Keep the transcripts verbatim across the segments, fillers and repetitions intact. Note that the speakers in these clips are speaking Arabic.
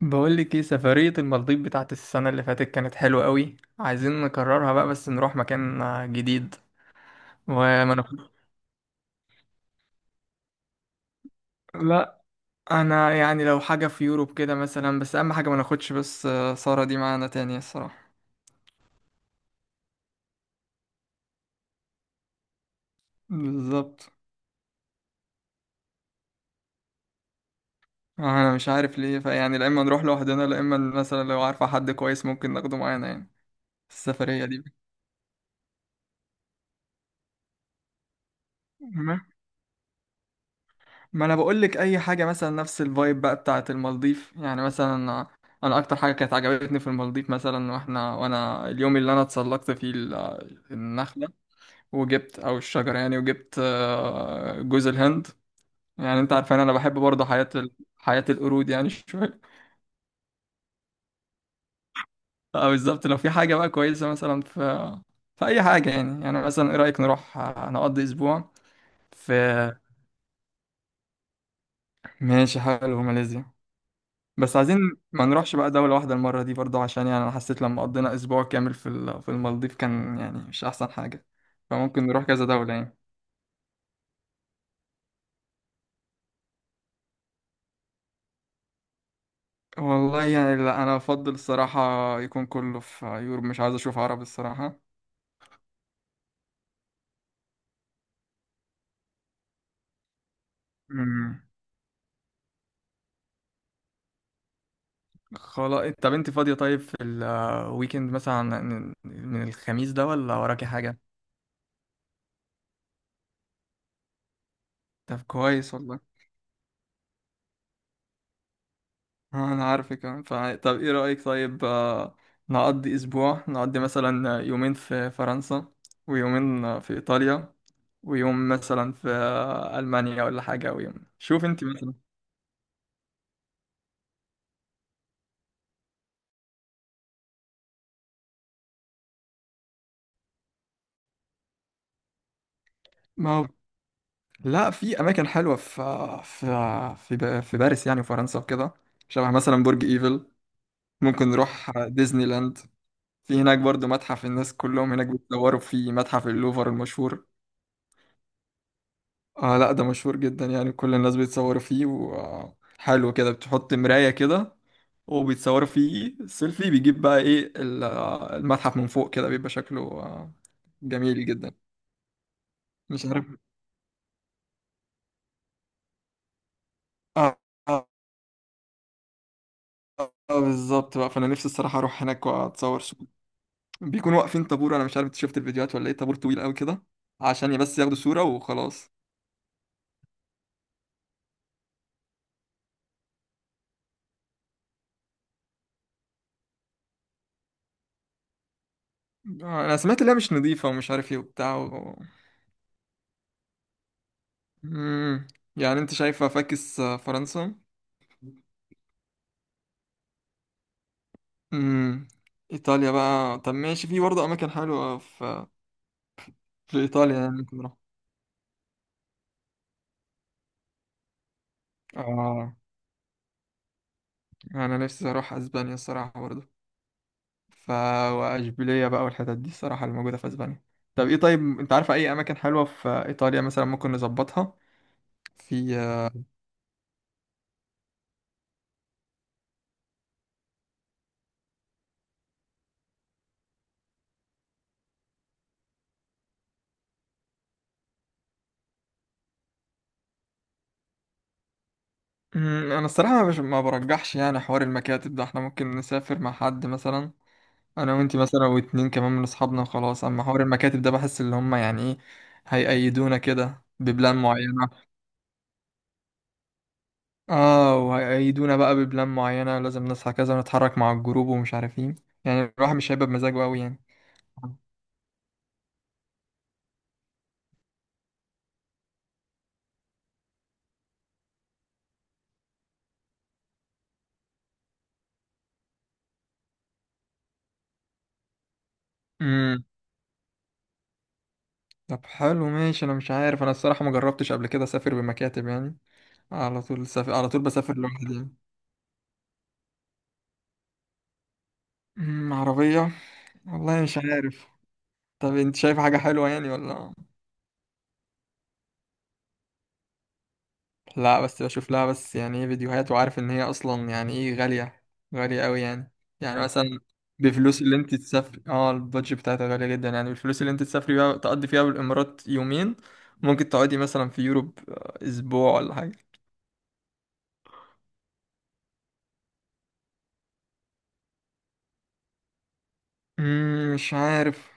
بقول لك ايه، سفرية المالديف بتاعت السنة اللي فاتت كانت حلوة قوي. عايزين نكررها بقى بس نروح مكان آه، جديد. وما ناخد. لا، انا يعني لو حاجة في يوروب كده مثلا، بس اهم حاجة ما ناخدش بس آه، سارة دي معانا تاني الصراحة. بالظبط. انا مش عارف ليه، فيعني لا اما نروح لوحدنا، لا اما مثلا لو عارفة حد كويس ممكن ناخده معانا يعني السفرية دي. ما انا بقول لك اي حاجه مثلا نفس الفايب بقى بتاعه المالديف يعني. مثلا انا اكتر حاجه كانت عجبتني في المالديف، مثلا واحنا، وانا اليوم اللي انا اتسلقت فيه ال- النخله وجبت، او الشجره يعني وجبت آه، جوز الهند. يعني انت عارفان انا بحب برضه حياه ال- حياه القرود يعني شويه. فبالظبط لو في حاجه بقى كويسه مثلا في في اي حاجه يعني يعني مثلا ايه رايك نروح آه، نقضي اسبوع في... ماشي، حلو ماليزيا. بس عايزين ما نروحش بقى دولة واحدة المرة دي برضه، عشان يعني أنا حسيت لما قضينا أسبوع كامل في ال- في المالديف كان يعني مش أحسن حاجة. فممكن نروح كذا دولة يعني. والله يعني لا، أنا أفضل الصراحة يكون كله في يوروب، مش عايز أشوف عرب الصراحة. أمم. خلاص، طب أنت فاضية طيب في الويكند مثلا؟ من من الخميس ده ولا وراكي حاجة؟ طب كويس والله. آه، انا عارفك كمان ف... طب ايه رأيك طيب، آه، نقضي اسبوع نقضي مثلا يومين في فرنسا، ويومين في ايطاليا، ويوم مثلا في آه، المانيا ولا حاجة، او يوم شوف انت مثلا. ما هو لا، في اماكن حلوة في في في, ب... في باريس يعني وفرنسا وكده. شبه مثلا برج ايفل. ممكن نروح ديزني لاند. في هناك برضو متحف، الناس كلهم هناك بيتصوروا في متحف اللوفر المشهور. اه، لا ده مشهور جدا يعني، كل الناس بيتصوروا فيه وحلو كده، بتحط مراية كده وبيتصوروا فيه سيلفي، بيجيب بقى ايه ال- آه، المتحف من فوق كده بيبقى شكله آه، جميل جدا. مش عارف. اه. آه، آه، بالظبط بقى، فانا نفسي الصراحة اروح هناك واتصور صورة. بيكونوا واقفين طابور، انا مش عارف انت شفت الفيديوهات ولا ايه، طابور طويل قوي كده عشان بس ياخدوا صورة وخلاص. آه، انا سمعت انها مش نظيفة ومش عارف ايه وبتاع و... مم. يعني انت شايفة فاكس آه، فرنسا؟ امم. ايطاليا بقى، طب ماشي، في برضه اماكن حلوه في في ايطاليا يعني ممكن نروح. اه، انا نفسي اروح اسبانيا الصراحه برضه. ف واشبيليه بقى والحتت دي الصراحه اللي موجوده في اسبانيا. طب ايه طيب، انت عارفه اي اماكن حلوه في ايطاليا مثلا ممكن نظبطها في أمم، انا الصراحه مش، ما برجحش يعني حوار المكاتب ده، احنا ممكن نسافر مع حد مثلا انا وانت مثلا واتنين كمان من اصحابنا وخلاص. اما حوار المكاتب ده بحس اللي هم يعني ايه هيقيدونا كده ببلان معينة. اه، وهيقيدونا بقى ببلان معينة، لازم نصحى كذا ونتحرك مع الجروب ومش عارفين. يعني الواحد مش هيبقى بمزاجه قوي يعني. امم. طب حلو ماشي، انا مش عارف، انا الصراحة ما جربتش قبل كده اسافر بمكاتب يعني. على طول سافر على طول بسافر لوحدي يعني. امم، عربية. والله مش عارف. طب انت شايف حاجة حلوة يعني ولا؟ لا، بس بشوف لها بس يعني ايه فيديوهات، وعارف ان هي اصلا يعني ايه غالية، غالية قوي يعني. يعني مثلا بفلوس اللي انت تسافري، اه البادج بتاعتها غالية جدا يعني، بالفلوس اللي انت تسافري بيها تقضي فيها بالامارات يومين، ممكن تقعدي مثلا في يوروب آه، اسبوع ولا حاجة. مم، مش عارف.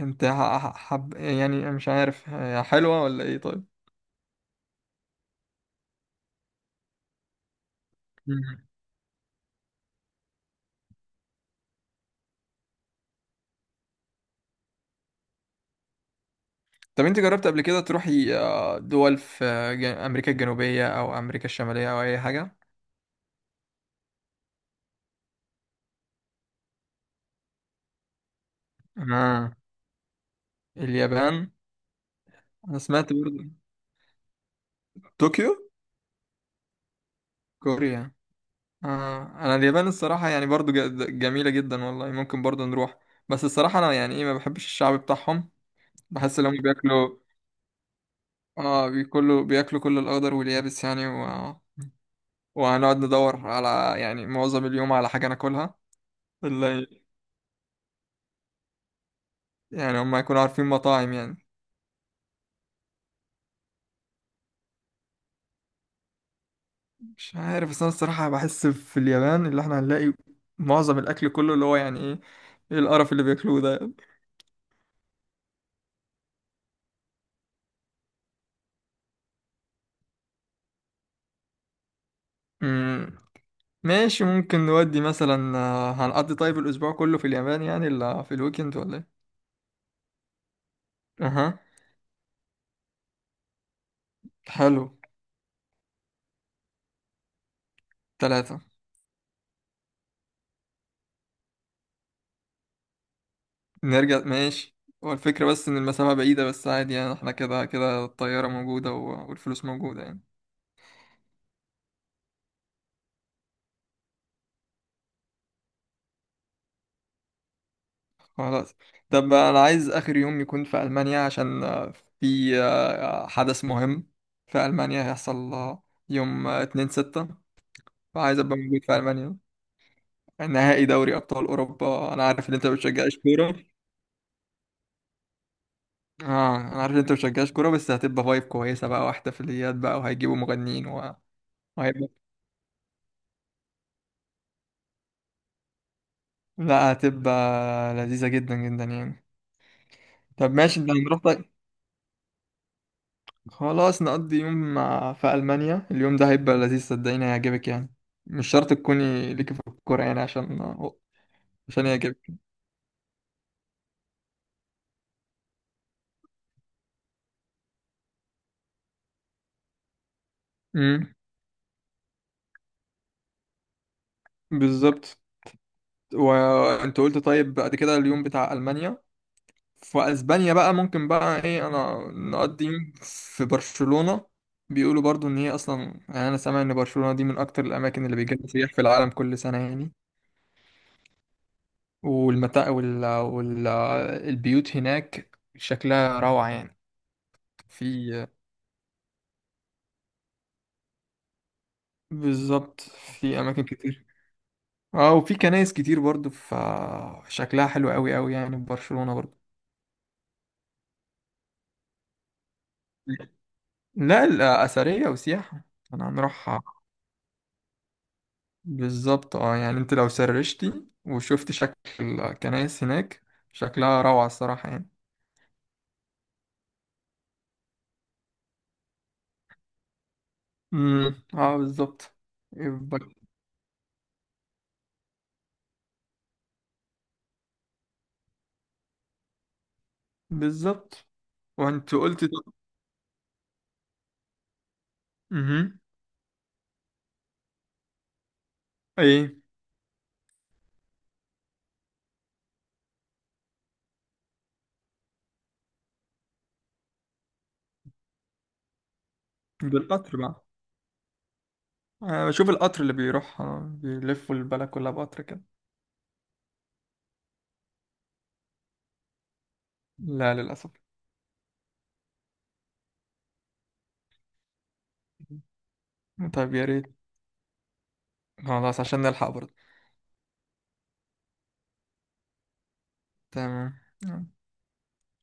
انت ح- ح- حب يعني، مش عارف هي حلوة ولا ايه طيب. مم. طب انت جربت قبل كده تروحي آه، دول في آه، جن- امريكا الجنوبية او امريكا الشمالية او اي حاجة؟ آه. اليابان. انا سمعت برضه طوكيو، كوريا. آه. انا اليابان الصراحه يعني برضو ج- جميله جدا والله، ممكن برضو نروح. بس الصراحه انا يعني ايه ما بحبش الشعب بتاعهم. بحس ان هم بياكلوا. اه، بياكلوا بياكلوا كل الاخضر واليابس يعني و... وهنقعد ندور على يعني معظم اليوم على حاجه ناكلها اللي يعني هم يكونوا عارفين مطاعم يعني. مش عارف، بس انا الصراحه بحس في اليابان اللي احنا هنلاقي معظم الاكل كله اللي هو يعني ايه، ايه القرف اللي بياكلوه ده. مم. ماشي، ممكن نودي مثلا آه، هنقضي طيب الأسبوع كله في اليابان يعني، ولا في الويكند، ولا إيه؟ أها. حلو. ثلاثة. نرجع، ماشي. هو الفكرة بس إن المسافة بعيدة، بس عادي يعني إحنا كده كده الطيارة موجودة و- والفلوس موجودة يعني. خلاص، طب أنا عايز آخر يوم يكون في ألمانيا عشان آه، في آه، حدث مهم في ألمانيا هيحصل آه، يوم اتنين ستة، فعايز أبقى موجود في ألمانيا. نهائي دوري أبطال أوروبا. أنا عارف إن أنت ما بتشجعش كورة. اه، انا عارف ان انت مشجعش كوره، بس هتبقى فايب كويسه بقى واحتفاليات بقى وهيجيبوا مغنيين و... وهيبقى لا، هتبقى لذيذه جدا جدا يعني. طب ماشي، انت هنروح طيب؟ خلاص نقضي يوم مع... في المانيا اليوم ده هيبقى لذيذ، صدقيني هيعجبك يعني. مش شرط تكوني ليكي في الكوره يعني، عشان عشان يعجبك. امم. بالظبط. وانت قلت طيب بعد كده اليوم بتاع المانيا، في اسبانيا بقى ممكن بقى ايه انا نقضي يوم في برشلونة. بيقولوا برضو ان هي اصلا يعني، انا سامع ان برشلونة دي من اكتر الاماكن اللي بيجي لها سياح في العالم كل سنة يعني. والمتاع وال... وال... البيوت هناك شكلها روعة يعني. في بالظبط في اماكن كتير. اه، وفي كنايس كتير برضو في شكلها حلو قوي قوي يعني في برشلونة برضو. لا، الأثرية وسياحة. أنا هنروح. بالظبط اه، يعني انت لو سرشتي وشفت شكل الكنائس هناك، شكلها روعة الصراحة يعني. امم، اه بالظبط. يبقى- بالظبط. وانت قلت. امم. ايه، بالقطر بقى. انا بشوف القطر اللي بيروح آه، بيلفوا البلد كلها بقطر كده. لا للأسف. طيب يا ريت، خلاص عشان نلحق برضه. تمام